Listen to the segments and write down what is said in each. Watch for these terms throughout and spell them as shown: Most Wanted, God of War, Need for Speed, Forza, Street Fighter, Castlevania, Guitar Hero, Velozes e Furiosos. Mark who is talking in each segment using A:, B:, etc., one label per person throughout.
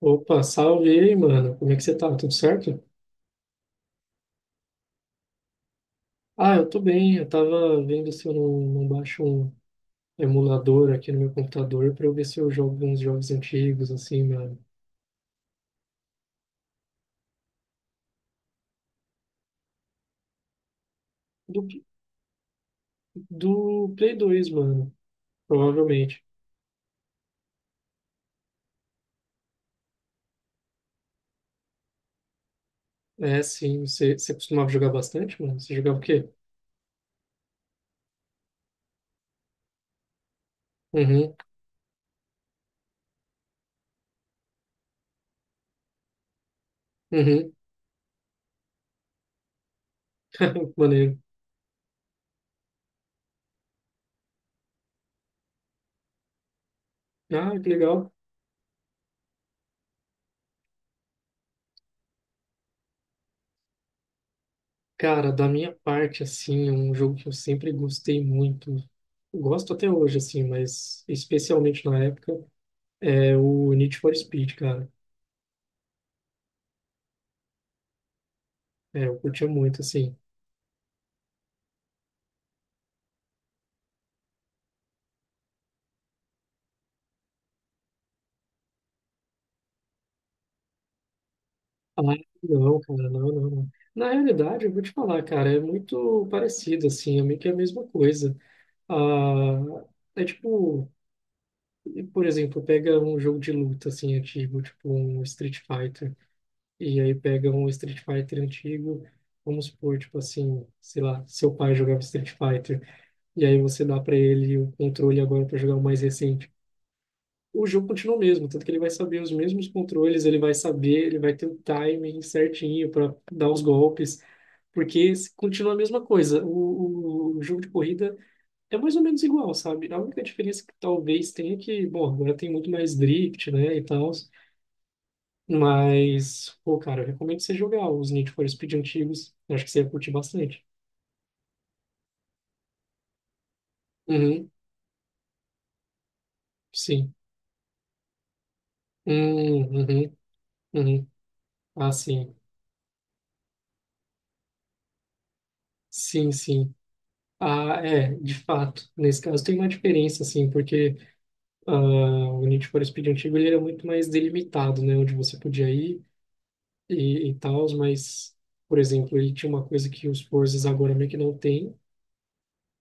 A: Opa, salve aí, mano. Como é que você tá? Tudo certo? Ah, eu tô bem. Eu tava vendo se eu não baixo um emulador aqui no meu computador pra eu ver se eu jogo uns jogos antigos, assim, mano. Do, do Play 2 mano. Provavelmente. É, sim. Você costumava jogar bastante, mano? Você jogava o quê? Uhum, uhum. Maneiro. Ah, que legal. Cara, da minha parte, assim, é um jogo que eu sempre gostei muito. Gosto até hoje, assim, mas especialmente na época. É o Need for Speed, cara. É, eu curtia muito, assim. Ah, não, cara, não, não, não. Na realidade, eu vou te falar, cara, é muito parecido, assim, é meio que a mesma coisa. Ah, é tipo, por exemplo, pega um jogo de luta, assim, antigo, tipo um Street Fighter, e aí pega um Street Fighter antigo, vamos supor, tipo assim, sei lá, seu pai jogava Street Fighter, e aí você dá pra ele o controle agora pra jogar o mais recente. O jogo continua o mesmo, tanto que ele vai saber os mesmos controles, ele vai saber, ele vai ter o timing certinho para dar os golpes, porque continua a mesma coisa. O jogo de corrida é mais ou menos igual, sabe? A única diferença que talvez tenha é que, bom, agora tem muito mais drift, né, e tal, mas, pô, cara, eu recomendo você jogar os Need for Speed antigos, eu acho que você ia curtir bastante. Uhum, sim. Uhum, uhum. Ah, sim. Sim, sim. Ah, é, de fato. Nesse caso tem uma diferença, assim, porque ah, o Need for Speed antigo ele era muito mais delimitado, né? Onde você podia ir e tal, mas, por exemplo, ele tinha uma coisa que os Forzas agora meio que não tem,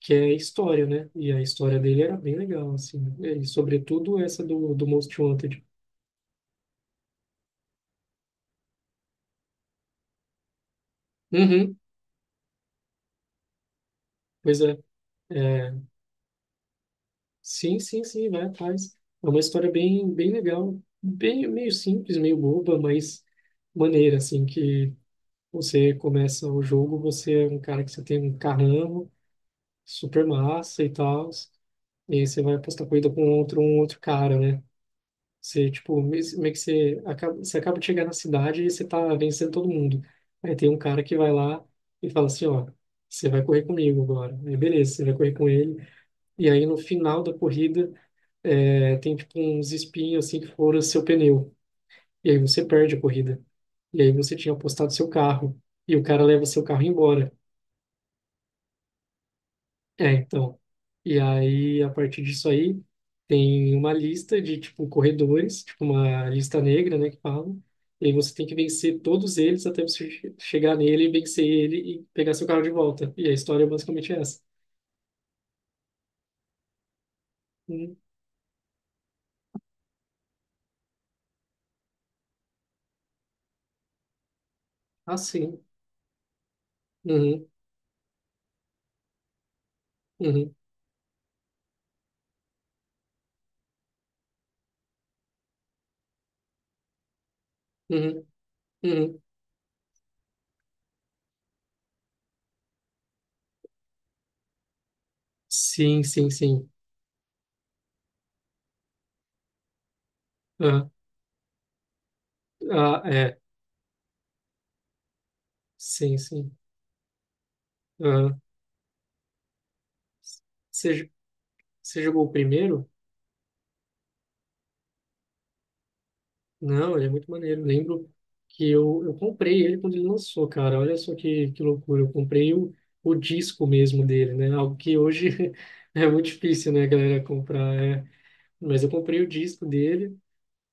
A: que é a história, né? E a história dele era bem legal, assim. E, sobretudo, essa do Most Wanted. Uhum, pois é. É, sim, sim, sim, vai atrás. É uma história bem, bem legal. Bem, meio simples, meio boba, mas maneira, assim, que você começa o jogo, você é um cara que você tem um carrão super massa e tal, e aí você vai apostar corrida com outro, um outro cara, né? Você, tipo, meio que você acaba de chegar na cidade e você tá vencendo todo mundo. Aí tem um cara que vai lá e fala assim, ó, você vai correr comigo agora. Aí beleza, você vai correr com ele. E aí no final da corrida, é, tem tipo uns espinhos assim que foram seu pneu. E aí você perde a corrida. E aí você tinha apostado seu carro. E o cara leva seu carro embora. É, então. E aí, a partir disso aí, tem uma lista de, tipo, corredores, tipo uma lista negra, né, que falam. E aí você tem que vencer todos eles até você chegar nele, vencer ele e pegar seu carro de volta. E a história é basicamente essa. Hum, ah, sim. Uhum, uhum, uhum, uhum. Sim, sim, sim. Ah, ah, é. Sim, sim. Ah, você, você jogou o primeiro? Não, ele é muito maneiro. Lembro que eu comprei ele quando ele lançou, cara. Olha só que loucura. Eu comprei o disco mesmo dele, né? Algo que hoje é muito difícil, né, galera, comprar. É. Mas eu comprei o disco dele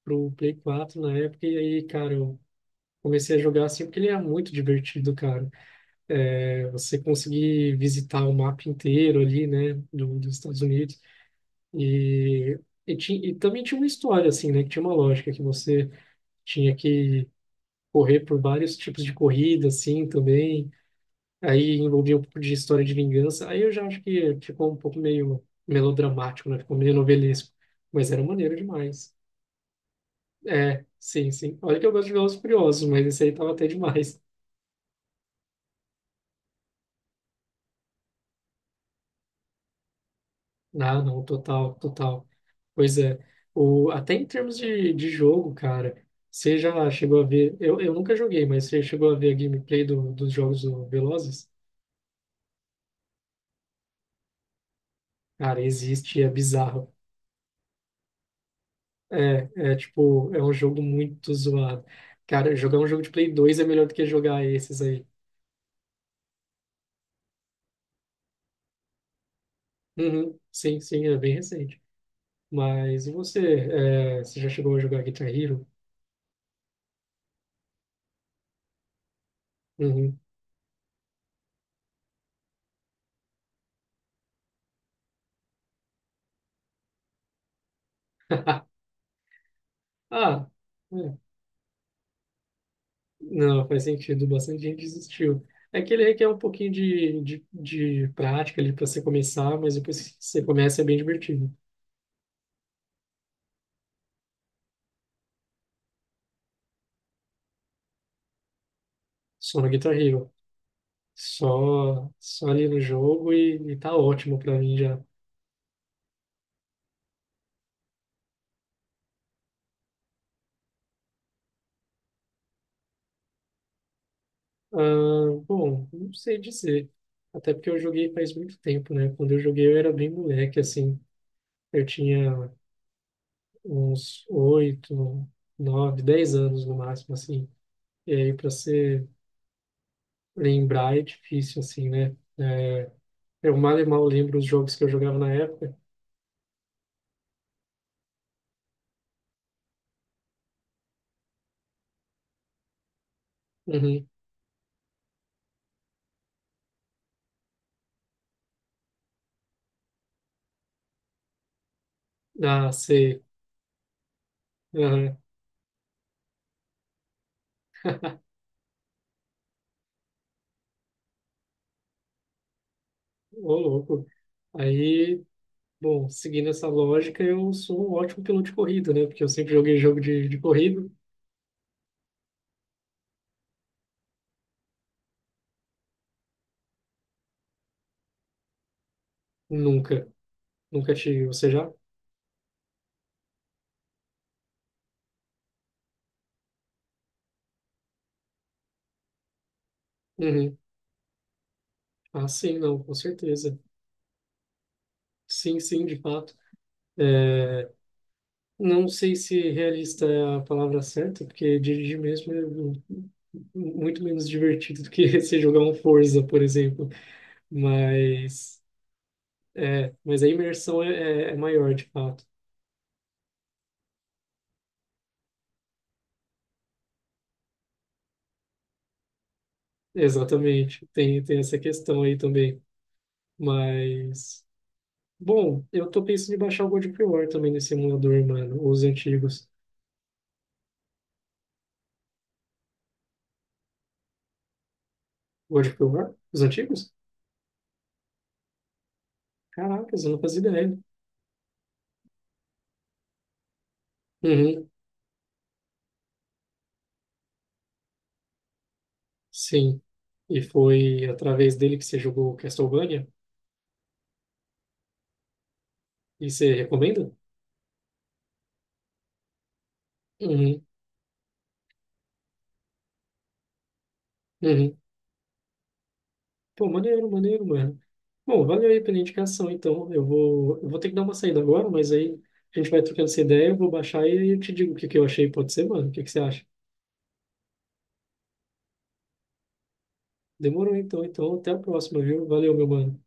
A: pro Play 4 na época e aí, cara, eu comecei a jogar assim porque ele é muito divertido, cara. É, você conseguir visitar o mapa inteiro ali, né, dos Estados Unidos. E, e, e também tinha uma história, assim, né, que tinha uma lógica que você tinha que correr por vários tipos de corrida, assim, também. Aí envolvia um pouco de história de vingança. Aí eu já acho que ficou um pouco meio melodramático, né? Ficou meio novelesco. Mas era maneiro demais. É, sim, sim. Olha que eu gosto de Velozes e Furiosos, mas esse aí tava até demais. Ah, não, total, total. Pois é. O, até em termos de jogo, cara, você já chegou a ver... Eu nunca joguei, mas você chegou a ver a gameplay do, dos jogos do Velozes? Cara, existe, e é bizarro. É tipo, é um jogo muito zoado. Cara, jogar um jogo de Play 2 é melhor do que jogar esses aí. Uhum, sim, sim, é bem recente. Mas e você, é, você já chegou a jogar Guitar Hero? Uhum. Ah, é. Não, faz sentido, bastante gente desistiu. É que ele requer um pouquinho de prática ali para você começar, mas depois que você começa é bem divertido. Só no Guitar Hero. Só, só ali no jogo e tá ótimo para mim já. Ah, bom, não sei dizer. Até porque eu joguei faz muito tempo, né? Quando eu joguei eu era bem moleque, assim. Eu tinha uns 8, 9, 10 anos no máximo, assim. E aí, para se lembrar é difícil, assim, né? É, eu mal e mal lembro os jogos que eu jogava na época. Uhum. Ah, sei. Aham. Ô, louco. Aí, bom, seguindo essa lógica, eu sou um ótimo piloto de corrida, né? Porque eu sempre joguei jogo de corrida. Nunca. Nunca tive. Você já? Uhum. Ah, sim, não, com certeza. Sim, sim, de fato. É, não sei se realista é a palavra certa, porque dirigir mesmo é muito menos divertido do que você jogar um Forza, por exemplo. Mas, é, mas a imersão é maior, de fato. Exatamente. Tem, tem essa questão aí também. Mas, bom, eu tô pensando em baixar o God of War também nesse emulador, mano. Os antigos. God of War? Os antigos? Caracas, eu não fazia ideia. Uhum. Sim. E foi através dele que você jogou Castlevania? E você recomenda? Uhum. Uhum. Pô, maneiro, maneiro, mano. Bom, valeu aí pela indicação, então. Eu vou ter que dar uma saída agora, mas aí a gente vai trocando essa ideia, eu vou baixar e aí eu te digo o que que eu achei. Pode ser, mano? O que que você acha? Demorou então, então. Até a próxima, viu? Valeu, meu mano.